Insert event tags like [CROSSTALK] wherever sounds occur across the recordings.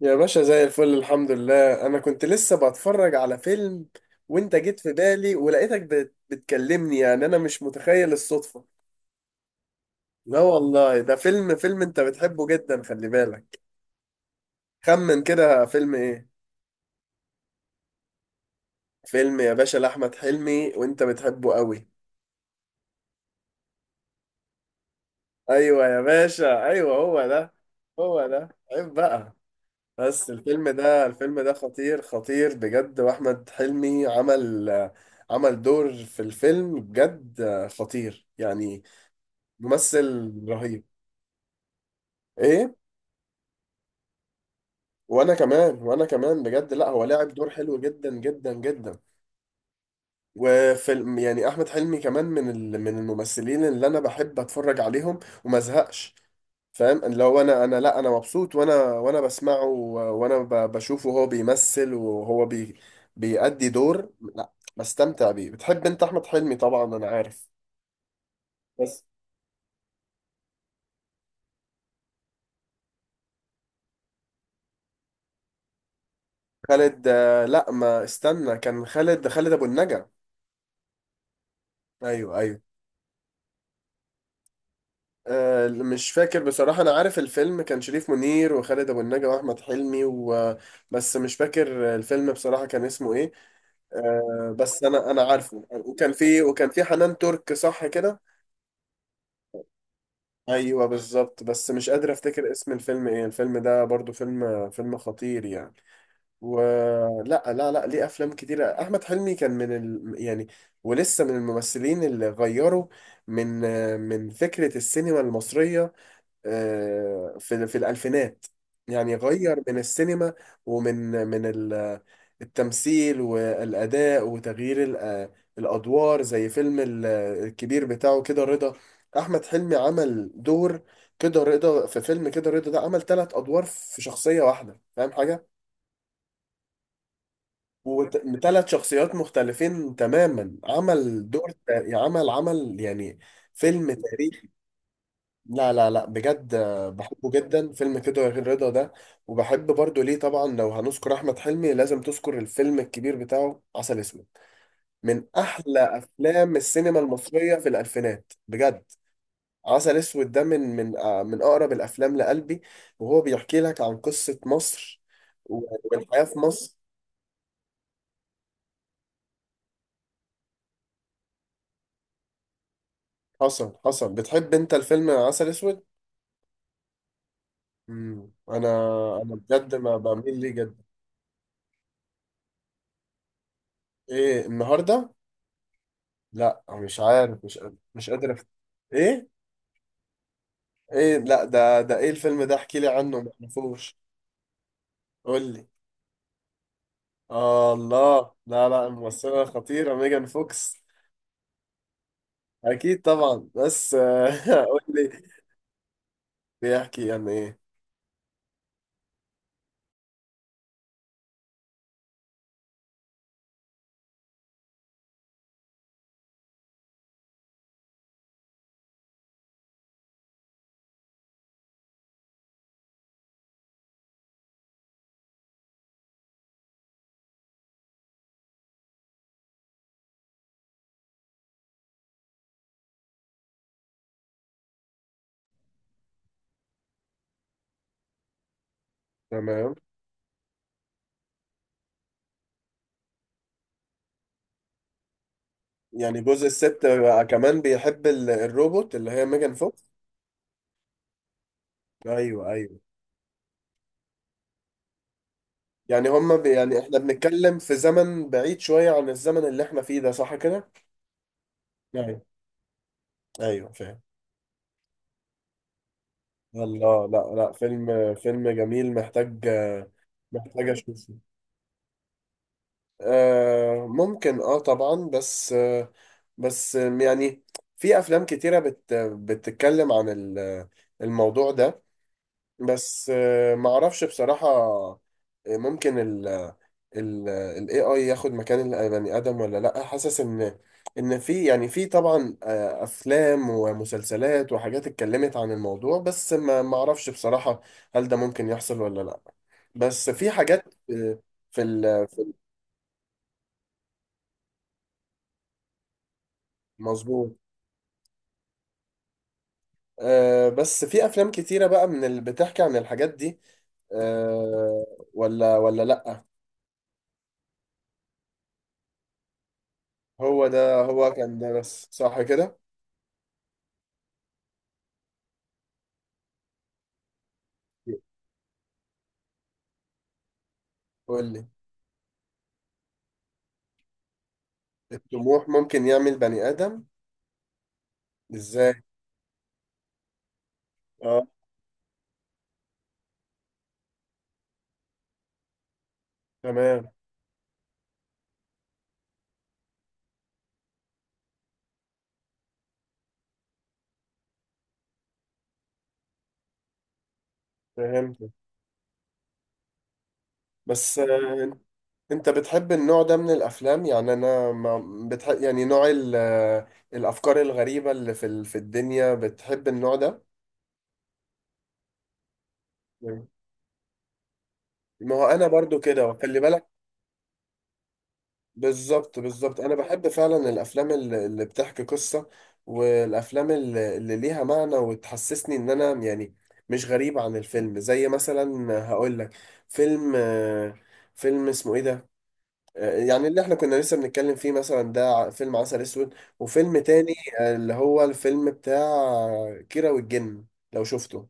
يا باشا، زي الفل الحمد لله. انا كنت لسه بتفرج على فيلم وانت جيت في بالي ولقيتك بتكلمني، يعني انا مش متخيل الصدفة. لا والله، ده فيلم فيلم انت بتحبه جدا، خلي بالك. خمن كده فيلم ايه؟ فيلم يا باشا لأحمد حلمي، وانت بتحبه قوي. ايوه يا باشا، ايوه هو ده. هو ده؟ عيب بقى. بس الفيلم ده الفيلم ده خطير خطير بجد، واحمد حلمي عمل دور في الفيلم بجد، خطير يعني. ممثل رهيب. ايه؟ وانا كمان، وانا كمان بجد. لا هو لاعب دور حلو جدا جدا جدا. وفيلم يعني احمد حلمي كمان من الممثلين اللي انا بحب اتفرج عليهم وما ازهقش. فاهم اللي هو انا لا، انا مبسوط وانا بسمعه وانا بشوفه وهو بيمثل وهو بي بيأدي دور، لا بستمتع بيه. بتحب انت احمد حلمي؟ طبعا انا عارف. بس خالد، لا ما استنى، كان خالد ابو النجا. ايوه، ايوه. مش فاكر بصراحة. أنا عارف الفيلم كان شريف منير وخالد أبو النجا وأحمد حلمي و... بس مش فاكر الفيلم بصراحة كان اسمه إيه. بس أنا عارفه، وكان فيه حنان ترك، صح كده؟ ايوه بالظبط، بس مش قادر افتكر اسم الفيلم ايه. الفيلم ده برضو فيلم خطير يعني، ولا؟ لا لا، ليه؟ افلام كتيره احمد حلمي، كان يعني ولسه من الممثلين اللي غيروا من من فكره السينما المصريه. في الألفينات. يعني غير من السينما، ومن من التمثيل والأداء وتغيير الأدوار، زي فيلم الكبير بتاعه كده رضا. أحمد حلمي عمل دور كده رضا. في فيلم كده رضا ده عمل ثلاث أدوار في شخصية واحدة، فاهم حاجة؟ وثلاث شخصيات مختلفين تماما. عمل دور، عمل يعني. فيلم تاريخي. لا لا لا بجد، بحبه جدا فيلم كده يا غير رضا ده. وبحب برضو ليه طبعا. لو هنذكر احمد حلمي لازم تذكر الفيلم الكبير بتاعه عسل اسود. من احلى افلام السينما المصريه في الالفينات بجد. عسل اسود ده من اقرب الافلام لقلبي. وهو بيحكي لك عن قصه مصر والحياه في مصر. حصل، بتحب انت الفيلم عسل اسود؟ مم. انا بجد ما بميل ليه جدا. ايه النهارده؟ لا مش عارف، مش قادر أفت... ايه؟ ايه؟ لا ده ايه الفيلم ده؟ احكي لي عنه، ما اعرفوش. قول لي. الله، لا لا، الممثلة خطيرة ميجان فوكس. اكيد طبعا، بس [LAUGHS] قول لي. بيحكي يعني ايه؟ تمام. يعني جزء الست بقى كمان بيحب الروبوت اللي هي ميجان فوكس. ايوه، ايوه. يعني هما بي يعني احنا بنتكلم في زمن بعيد شوية عن الزمن اللي احنا فيه ده، صح كده؟ ايوه، ايوه، فاهم. الله، لا لا، فيلم جميل. محتاج اشوفه. ممكن، اه طبعا، بس بس يعني في افلام كتيرة بتتكلم عن الموضوع ده. بس ما اعرفش بصراحة. ممكن ال AI ياخد مكان البني آدم ولا لأ. حاسس ان ان في، يعني في طبعا افلام ومسلسلات وحاجات اتكلمت عن الموضوع، بس ما اعرفش بصراحة. هل ده ممكن يحصل ولا لأ؟ بس في حاجات، آه، في ال- في المظبوط. بس في افلام كتيرة بقى من اللي بتحكي عن الحاجات دي. آه، ولا، ولا لأ. هو ده، هو كان ده، بس صح كده؟ قول لي. الطموح ممكن يعمل بني آدم؟ ازاي؟ اه، تمام، فهمت. بس انت بتحب النوع ده من الافلام؟ يعني انا ما بتحب يعني نوع الافكار الغريبة اللي في الدنيا، بتحب النوع ده؟ ما هو انا برضو كده، وخلي بالك. بالظبط، انا بحب فعلا الافلام اللي بتحكي قصة. والافلام اللي ليها معنى وتحسسني ان انا يعني مش غريب عن الفيلم، زي مثلا هقول لك فيلم، فيلم اسمه ايه ده؟ يعني اللي احنا كنا لسه بنتكلم فيه مثلا ده، فيلم عسل اسود، وفيلم تاني اللي هو الفيلم بتاع كيرة والجن، لو شفته.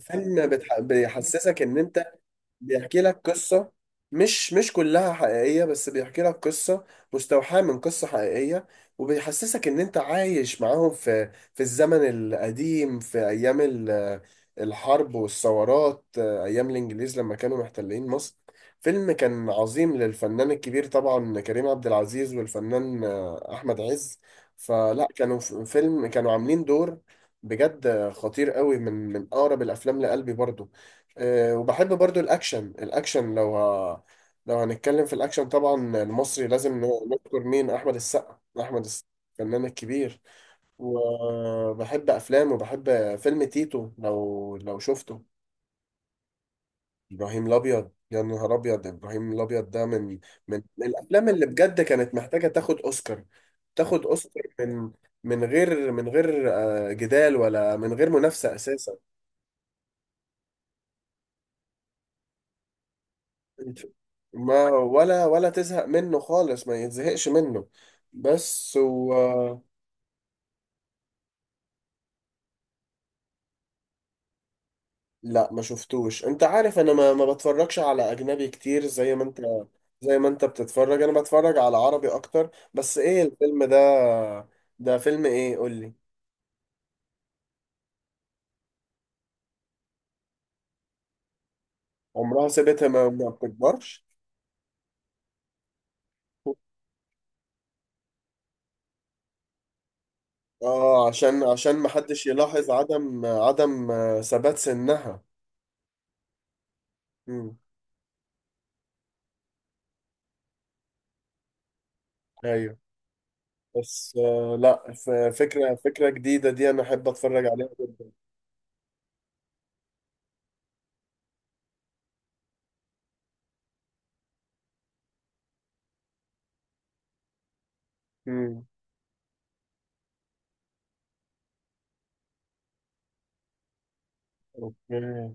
فيلم بيحسسك ان انت، بيحكي لك قصة، مش كلها حقيقية، بس بيحكي لك قصة مستوحاة من قصة حقيقية. وبيحسسك إن أنت عايش معاهم في الزمن القديم، في أيام الحرب والثورات، أيام الإنجليز لما كانوا محتلين مصر. فيلم كان عظيم للفنان الكبير طبعا كريم عبد العزيز، والفنان أحمد عز. فلا كانوا، فيلم كانوا عاملين دور بجد خطير قوي، من أقرب الأفلام لقلبي برضو. وبحب برضو الاكشن. لو هنتكلم في الاكشن طبعا، المصري لازم نذكر مين؟ احمد السقا، احمد السقا الفنان الكبير. وبحب افلامه، وبحب فيلم تيتو، لو شفته. ابراهيم الابيض، يا نهار ابيض، ابراهيم الابيض ده من الافلام اللي بجد كانت محتاجه تاخد اوسكار. تاخد اوسكار، من غير، جدال، ولا من غير منافسه اساسا. ما ولا تزهق منه خالص، ما يتزهقش منه. بس و... لا ما شفتوش، انت عارف انا ما بتفرجش على اجنبي كتير زي ما انت زي ما انت بتتفرج، انا بتفرج على عربي اكتر. بس ايه الفيلم ده؟ ده فيلم ايه؟ قول لي. عمرها سابتها، ما بتكبرش. اه، عشان ما حدش يلاحظ عدم ثبات سنها. امم. ايوه، بس لا، فكرة جديدة دي أنا أحب أتفرج عليها جدا. امم. أوكي.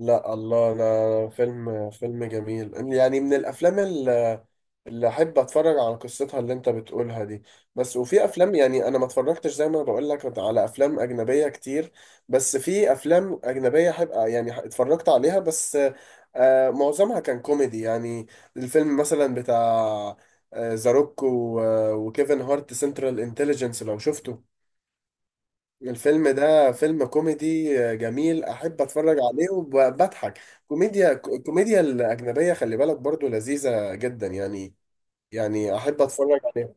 لا الله، انا فيلم جميل، يعني من الافلام اللي احب اتفرج على قصتها اللي انت بتقولها دي. بس وفي افلام يعني انا ما اتفرجتش، زي ما أنا بقول لك، على افلام اجنبيه كتير. بس في افلام اجنبيه احب، يعني اتفرجت عليها. بس معظمها كان كوميدي يعني. الفيلم مثلا بتاع ذا روك وكيفن هارت، سنترال انتليجنس، لو شفته. الفيلم ده فيلم كوميدي جميل، احب اتفرج عليه وبضحك. الكوميديا الاجنبيه، خلي بالك، برضو لذيذه جدا يعني. يعني احب اتفرج عليه.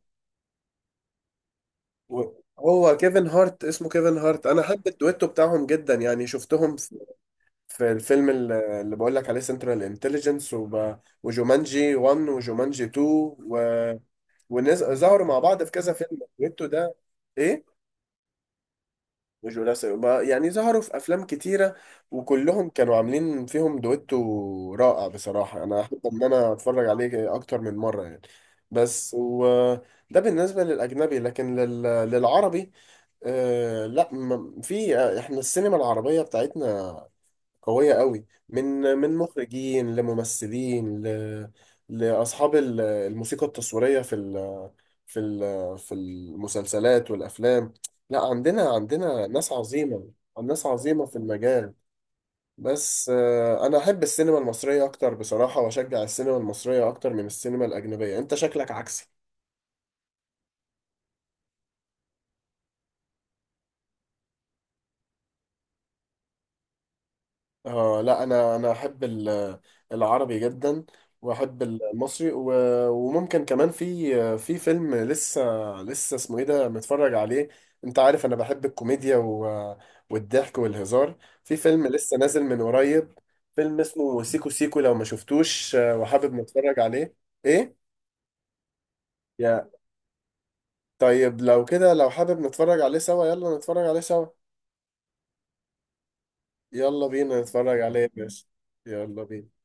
هو كيفن هارت، اسمه كيفن هارت. انا احب الدويتو بتاعهم جدا، يعني شفتهم في في الفيلم اللي بقول لك عليه سنترال انتليجنس، وجومانجي 1 وجومانجي 2 و... ظهروا مع بعض في كذا فيلم الدويتو ده. ايه، جوجو لاسا، يعني ظهروا في افلام كتيره. وكلهم كانوا عاملين فيهم دويتو رائع بصراحه. انا احب ان انا اتفرج عليه اكتر من مره يعني. بس وده بالنسبه للاجنبي، لكن للعربي، لا، في احنا السينما العربيه بتاعتنا قوية قوي، من مخرجين لممثلين، لأصحاب الموسيقى التصويرية في ال... في المسلسلات والأفلام. لا، عندنا ناس عظيمة، ناس عظيمة في المجال. بس أنا أحب السينما المصرية أكتر بصراحة، وأشجع السينما المصرية أكتر من السينما الأجنبية، أنت شكلك عكسي. اه لا، انا احب العربي جدا، واحب المصري وممكن كمان في فيلم لسه، لسه اسمه ايه ده متفرج عليه. انت عارف انا بحب الكوميديا والضحك والهزار. في فيلم لسه نازل من قريب، فيلم اسمه سيكو سيكو، لو ما شفتوش وحابب نتفرج عليه. ايه؟ يا، طيب لو كده، لو حابب نتفرج عليه سوا يلا نتفرج عليه سوا. يلا بينا نتفرج عليه يا باشا، يلا بينا.